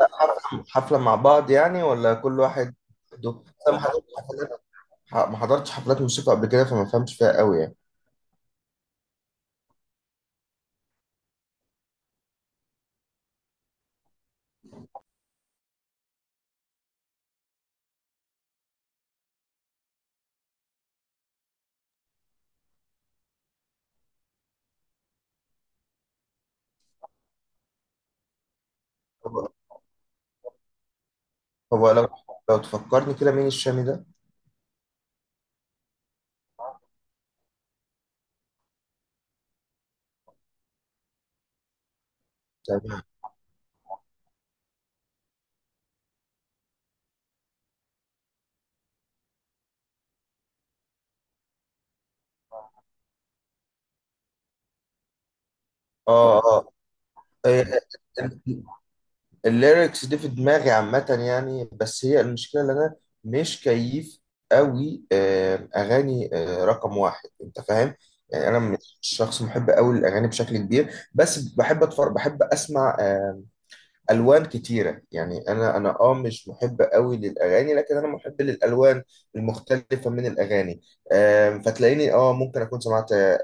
حفلة مع بعض يعني، ولا كل واحد لوحده؟ بس أنا ما حضرتش حفلات موسيقى قبل كده، فما فهمش فيها قوي يعني. طب طب لو تفكرني كده، مين الشامي ده؟ تمام، اه، اه. إيه، إيه، ال- الليركس دي في دماغي عامة يعني، بس هي المشكلة اللي أنا مش كيف قوي أغاني، رقم واحد، أنت فاهم؟ يعني أنا مش شخص محب قوي للأغاني بشكل كبير، بس بحب أتفرج، بحب أسمع الوان كتيره، يعني انا مش محب قوي للاغاني، لكن انا محب للالوان المختلفه من الاغاني. فتلاقيني ممكن اكون سمعت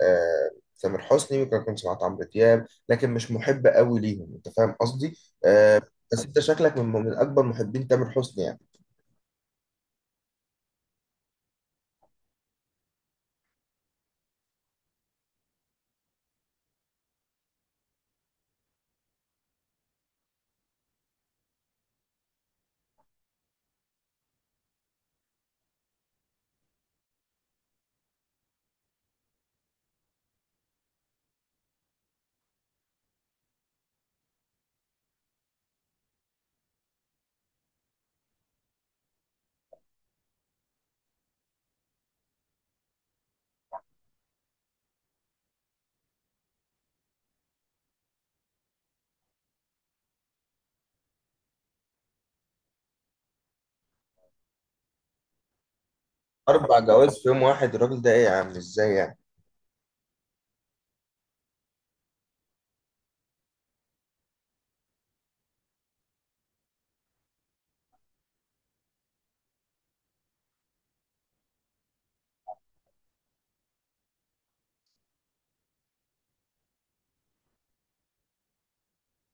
تامر حسني، ممكن اكون سمعت عمرو دياب، لكن مش محب قوي ليهم، انت فاهم قصدي. آه، بس انت شكلك من اكبر محبين تامر حسني يعني. 4 جوائز في يوم واحد؟ الراجل ده ايه يا عم؟ ازاي يعني؟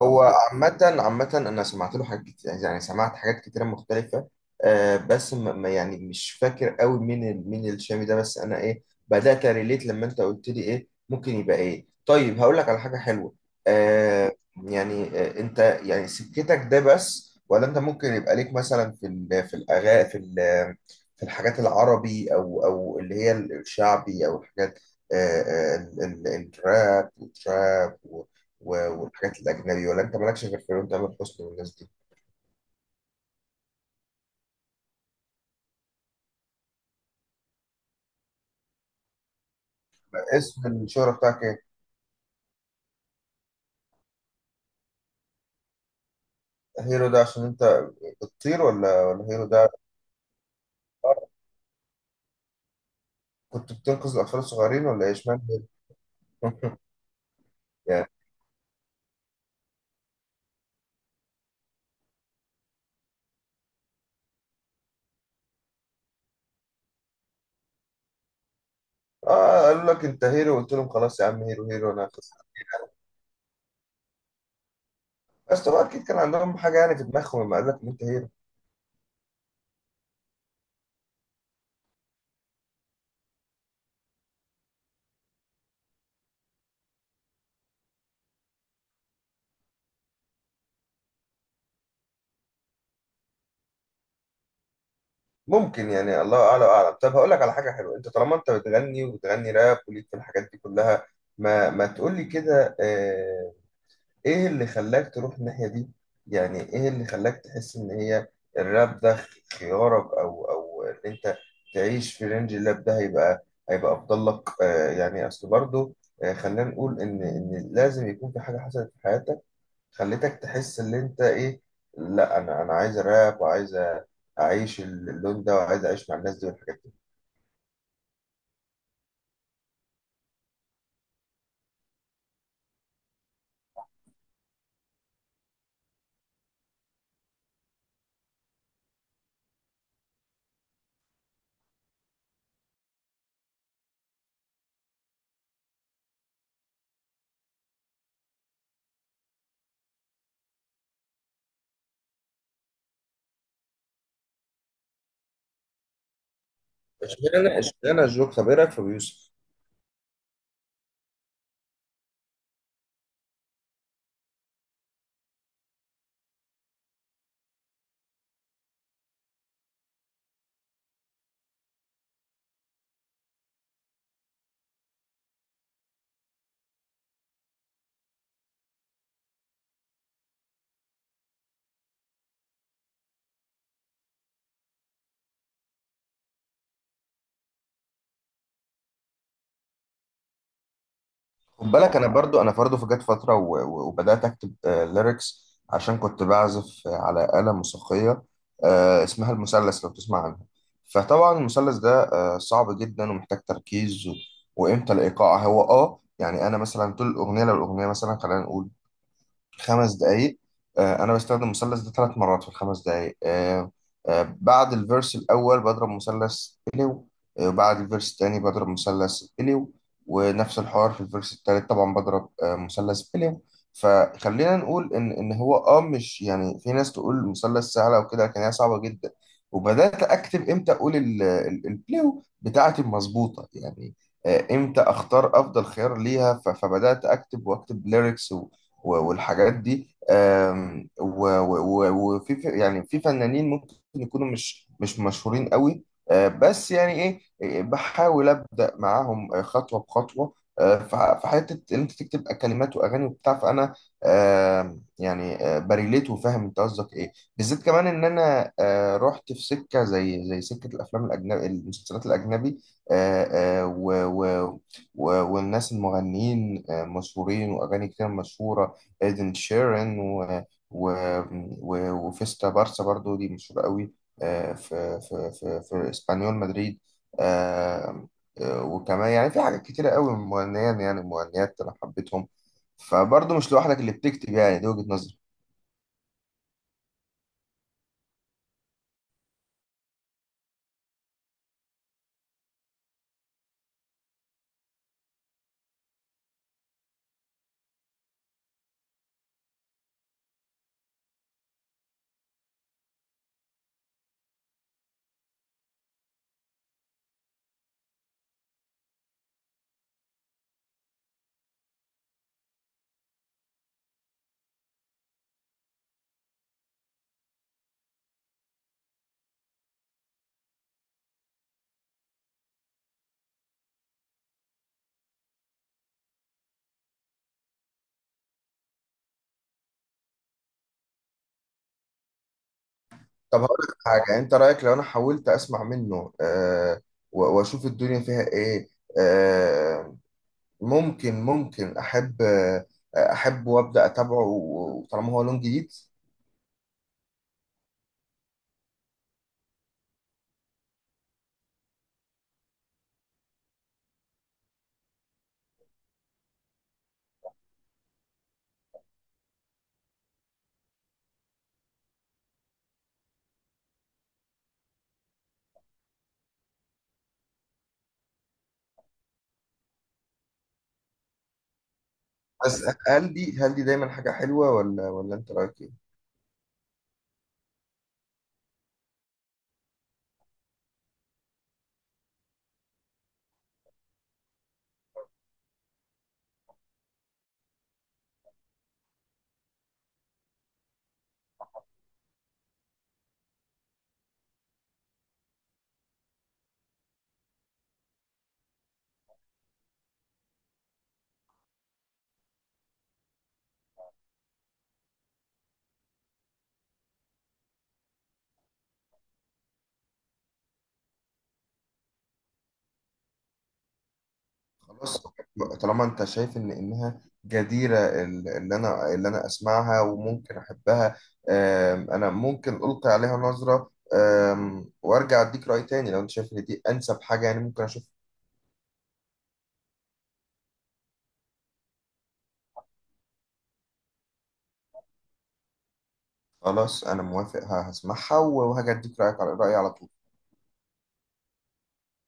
هو عامة عامة أنا سمعت له حاجات كتير، يعني سمعت حاجات كتيرة مختلفة. بس يعني مش فاكر قوي مين الشامي ده، بس أنا إيه بدأت أريليت لما أنت قلت لي إيه ممكن يبقى إيه. طيب هقول لك على حاجة حلوة. آه يعني أنت يعني سكتك ده بس، ولا أنت ممكن يبقى ليك مثلا في ال في الأغا في ال في الحاجات العربي، أو اللي هي الشعبي، أو الحاجات آه آه ال- الراب والتراب، والحاجات الأجنبي، ولا أنت مالكش غير في تامر حسني والناس دي؟ اسم الشهرة بتاعك إيه؟ هيرو ده عشان أنت بتطير، ولا هيرو ده كنت بتنقذ الأطفال الصغيرين، ولا إيه؟ إشمعنى هيرو؟ يعني قالوا لك أنت هيرو، قلت لهم خلاص يا عم هيرو هيرو أنا هخس. بس طبعا أكيد كان عندهم حاجة يعني في دماغهم لما قال لك إن أنت هيرو. ممكن، يعني الله أعلى وأعلم. طب هقول لك على حاجة حلوة، أنت طالما أنت بتغني وبتغني راب وليك في الحاجات دي كلها، ما تقول لي كده. ايه اللي خلاك تروح الناحية دي، يعني ايه اللي خلاك تحس ان هي الراب ده خيارك، او ان انت تعيش في رينج الراب ده، هيبقى افضل لك؟ يعني اصل برضه، خلينا نقول ان لازم يكون في حاجة حصلت في حياتك خلتك تحس ان انت ايه، لا انا عايز راب، وعايز اعيش اللون ده، وعايز اعيش مع الناس دي والحاجات دي. اشمعنى الجوك، طب ايه رايك في أبو يوسف؟ خد بالك، انا برضو في جت فتره وبدات اكتب ليركس، عشان كنت بعزف على آلة موسيقيه اسمها المثلث، لو تسمع عنها. فطبعا المثلث ده صعب جدا ومحتاج تركيز، وامتى الايقاع هو يعني، انا مثلا طول الاغنيه، لو الاغنيه مثلا خلينا نقول 5 دقايق، انا بستخدم المثلث ده 3 مرات في الخمس دقايق. بعد الفيرس الاول بضرب مثلث اليو، بعد الفيرس الثاني بضرب مثلث اليو، ونفس الحوار في الفيرس الثالث طبعا بضرب مثلث اليو. فخلينا نقول ان هو مش يعني، في ناس تقول مثلث سهله وكده، لكن هي صعبه جدا. وبدات اكتب امتى اقول البليو بتاعتي مظبوطه يعني، امتى اختار افضل خيار ليها. فبدات اكتب واكتب ليركس والحاجات دي. آم، و- و- و- وفي يعني في فنانين ممكن يكونوا مش مشهورين قوي، بس يعني ايه، بحاول ابدا معاهم خطوه بخطوه، في حته ان انت تكتب كلمات واغاني وبتاع، فانا يعني بريليت وفاهم انت قصدك ايه بالذات، كمان ان انا رحت في سكه زي سكه الافلام الاجنبي، المسلسلات الاجنبي، آه، آه، و- و- والناس المغنيين مشهورين، واغاني كتير مشهوره. إيدن شيران و... وفيستا بارسا، برضو دي مشهورة قوي في اسبانيول مدريد. آه، وكمان يعني في حاجات كتيرة قوي مغنيين يعني مغنيات أنا حبيتهم، فبرضو مش لوحدك اللي بتكتب، يعني دي وجهة نظري. طب هقول لك حاجة، أنت رأيك لو أنا حاولت أسمع منه وأشوف الدنيا فيها إيه؟ آه، ممكن أحب، أحب وأبدأ أتابعه، طالما هو لون جديد. بس هل دي دايما حاجة حلوة، ولا انت رأيك ايه؟ خلاص، طالما انت شايف ان انها جديرة، اللي انا اسمعها وممكن احبها. انا ممكن القي عليها نظرة، وارجع اديك رأي تاني لو انت شايف ان دي انسب حاجة، يعني ممكن اشوف. خلاص، انا موافق، هسمعها وهاجي اديك رأيك على رأيي على طول.